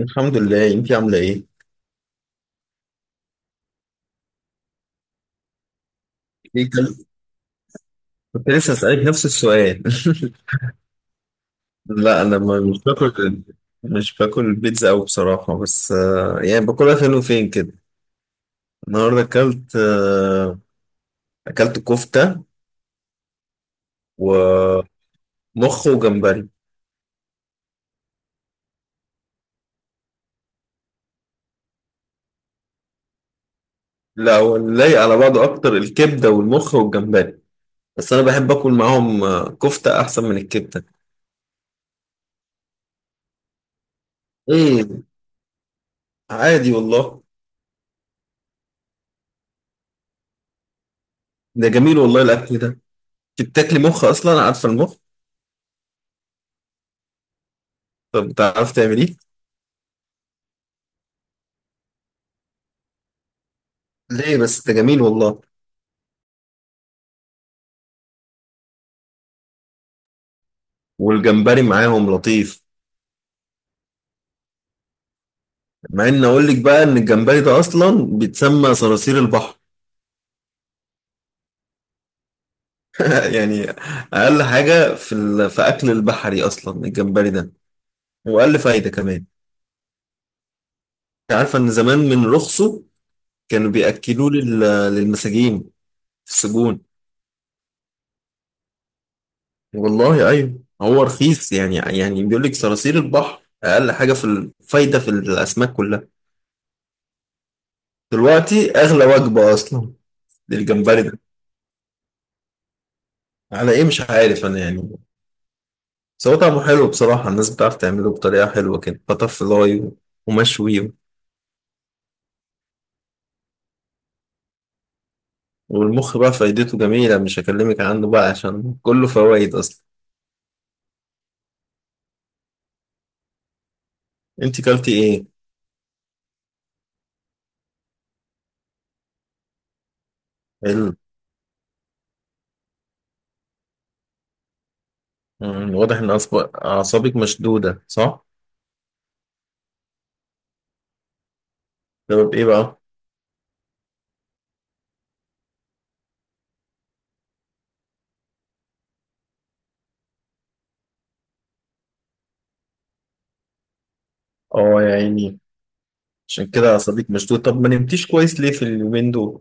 الحمد لله، انت عامله ايه؟ ايه كل- كنت لسه اسالك نفس السؤال. لا، انا مش باكل. مش باكل البيتزا قوي بصراحه، بس يعني باكلها فين وفين كده. النهارده اكلت كفته ومخ وجمبري. لا، هو اللي لايق على بعضه اكتر الكبده والمخ والجمبري. بس انا بحب اكل معاهم. كفته احسن من الكبده. ايه؟ عادي والله. ده جميل والله الاكل ده. انت بتاكلي مخ اصلا؟ عارفه المخ؟ طب بتعرفي تعمليه؟ ليه بس؟ ده جميل والله. والجمبري معاهم لطيف. مع ان اقول لك بقى ان الجمبري ده اصلا بيتسمى صراصير البحر. يعني اقل حاجه في اكل البحري اصلا الجمبري ده. واقل فايده كمان. أنت عارفه ان زمان من رخصه كانوا بياكلوه للمساجين في السجون. والله، ايوه، هو رخيص يعني بيقول لك صراصير البحر اقل حاجه في الفايده في الاسماك كلها. دلوقتي اغلى وجبه اصلا للجمبري ده. على ايه؟ مش عارف انا، يعني. بس هو طعمه حلو بصراحة، الناس بتعرف تعمله بطريقة حلوة كده، بتر فلاي ومشوي. والمخ بقى فايدته جميلة، مش هكلمك عنه بقى عشان كله فوائد أصلا. أنت كلتي إيه؟ حلو. واضح إن أعصابك مشدودة، صح؟ سبب إيه بقى؟ آه يا عيني. عشان كده أعصابك مشدودة. طب ما نمتيش كويس ليه في اليومين دول؟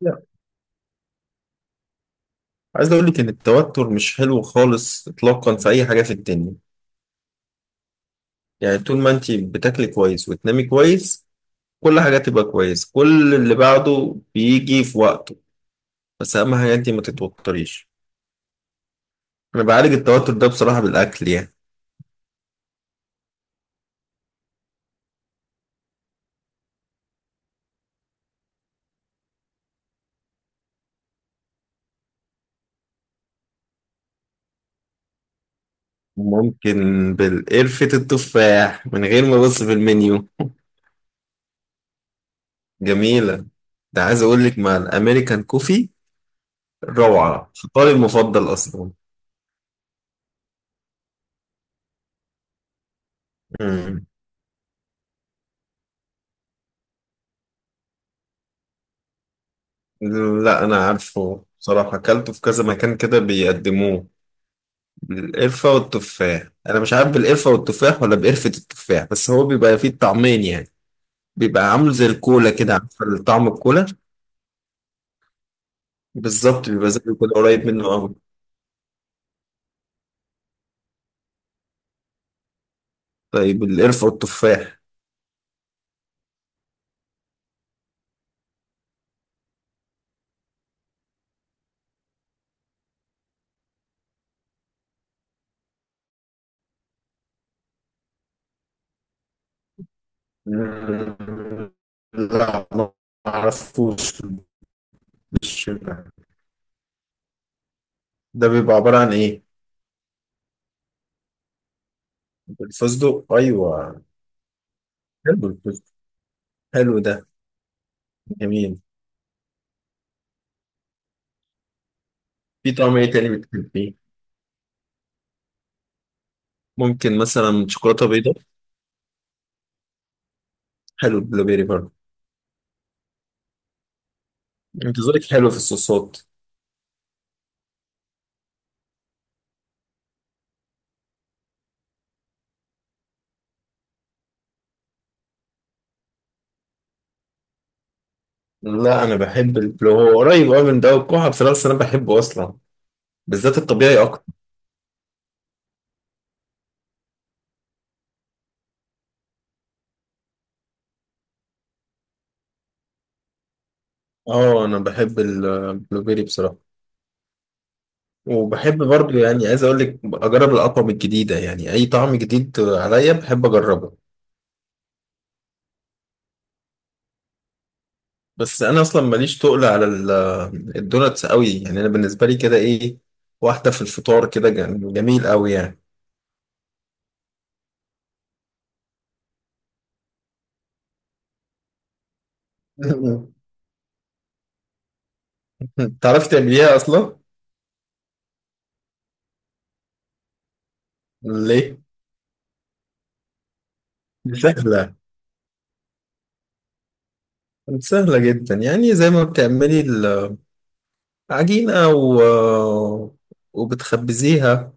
لا. عايز أقول لك إن التوتر مش حلو خالص إطلاقا في أي حاجة في الدنيا. يعني طول ما أنت بتاكلي كويس وتنامي كويس كل حاجة تبقى كويس، كل اللي بعده بيجي في وقته. بس أهم حاجة أنت ما تتوتريش. أنا بعالج التوتر ده بصراحة بالأكل، يعني. ممكن. بالقرفة التفاح من غير ما أبص في المنيو. جميلة. ده عايز أقول لك مع الأمريكان كوفي، روعة، فطاري المفضل أصلا. مم. لا، أنا عارفه بصراحة، أكلته في كذا مكان كده بيقدموه. بالقرفة والتفاح، أنا مش عارف بالقرفة والتفاح ولا بقرفة التفاح، بس هو بيبقى فيه الطعمين يعني. بيبقى عامله زي الكولا كده، عارفة طعم الكولا؟ بالظبط، بيبقى زي الكولا، قريب منه أوي. طيب، القرفة والتفاح. مم، لا، ما أعرفوش. بالشبه. ده بيبقى عبارة عن إيه؟ الفستق، أيوه. حلو الفستق. حلو ده. جميل. في طعم إيه تاني بتحبيه؟ ممكن مثلا شوكولاتة بيضاء. حلو البلوبيري برضه. أنت ذوقك حلو في الصوصات. لا، أنا بحب البلو، هو قريب أوي من ده والكحة بصراحة، بس أنا بحبه أصلا. بالذات الطبيعي أكتر. اه، انا بحب البلوبيري بصراحه. وبحب برضو، يعني عايز اقول لك اجرب الاطعمه الجديده، يعني اي طعم جديد عليا بحب اجربه. بس انا اصلا ماليش تقل على الدوناتس قوي، يعني انا بالنسبه لي كده ايه، واحده في الفطار كده جميل قوي يعني. تعرفي تعمليها اصلا؟ ليه؟ دي سهله. دي سهله جدا، يعني زي ما بتعملي العجينه وبتخبزيها،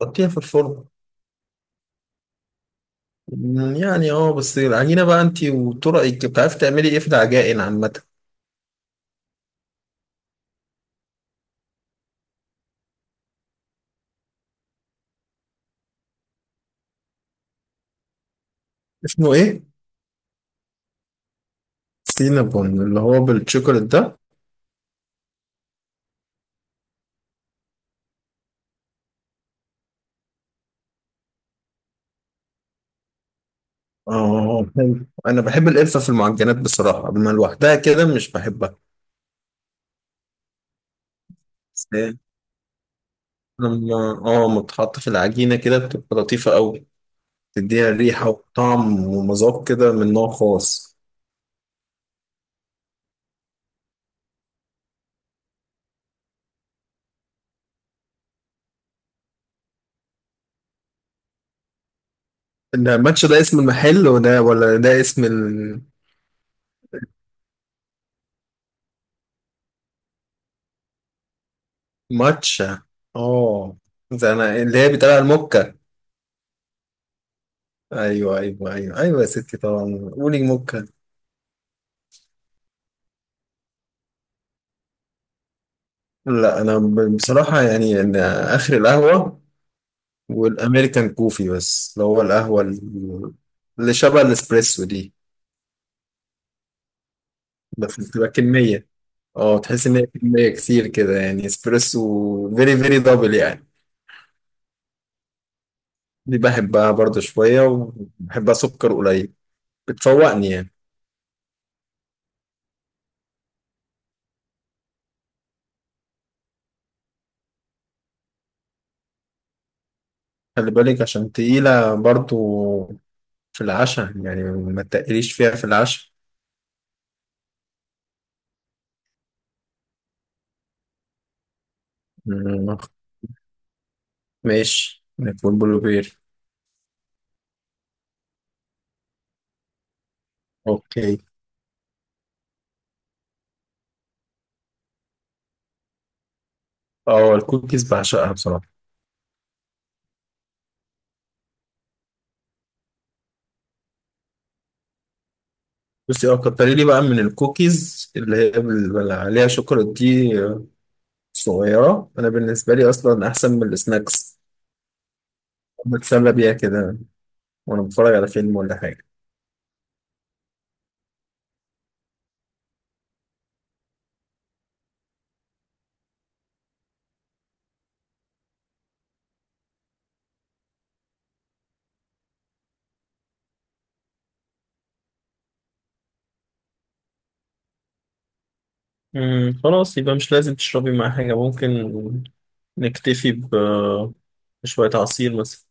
تحطيها في الفرن. يعني بس العجينة بقى انت وطرقك بتعرفي تعملي ايه في العجائن عامة. اسمه ايه؟ سينابون اللي هو بالشوكولات ده. اه، حلو، انا بحب القرفة في المعجنات بصراحة، اما لوحدها كده مش بحبها. بس لما متحط في العجينة كده بتبقى لطيفة قوي، تديها ريحة وطعم ومذاق كده من نوع خاص. ده ماتش، ده اسم المحل وده ولا ده اسم؟ الماتشا. اه. ده انا اللي هي بتقال على الموكا. ايوه ايوه ايوه ايوه، يا ستي طبعا، قولي موكا. لا، انا بصراحه يعني إن اخر القهوه والامريكان كوفي، بس اللي هو القهوه اللي شبه الاسبريسو دي. بس بتبقى كميه، اه، تحس ان هي كميه كتير كده، يعني اسبريسو فيري فيري دبل يعني. دي بحبها برضه شويه، وبحبها سكر قليل، بتفوقني يعني. خلي بالك عشان تقيله برضه في العشاء، يعني ما تقليش فيها في العشاء. مم، ماشي نكون بلو بير. اوكي. اه، الكوكيز بعشقها بصراحه. بصي، كتري لي بقى من الكوكيز اللي هي اللي عليها شوكولاته دي. صغيره انا بالنسبه لي اصلا احسن من السناكس، بتسلى بيها كده وانا بتفرج على فيلم ولا حاجه. خلاص، يبقى مش لازم تشربي مع حاجه، ممكن نكتفي بشويه عصير مثلا.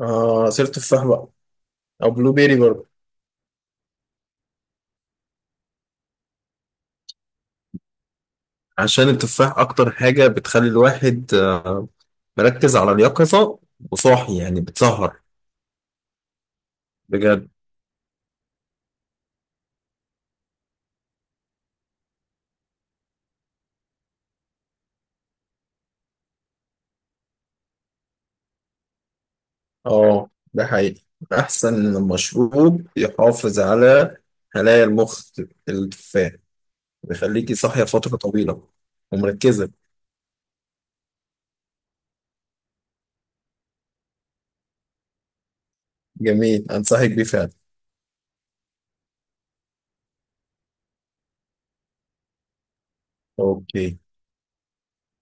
عصير تفاح بقى، او بلو بيري برضه. عشان التفاح اكتر حاجه بتخلي الواحد مركز على اليقظه وصاحي، يعني بتسهر. بجد. اه، ده حقيقي. أحسن مشروب يحافظ على خلايا المخ، التفاح. بيخليكي صاحية فترة طويلة ومركزة. جميل، أنصحك بيه فعلا. أوكي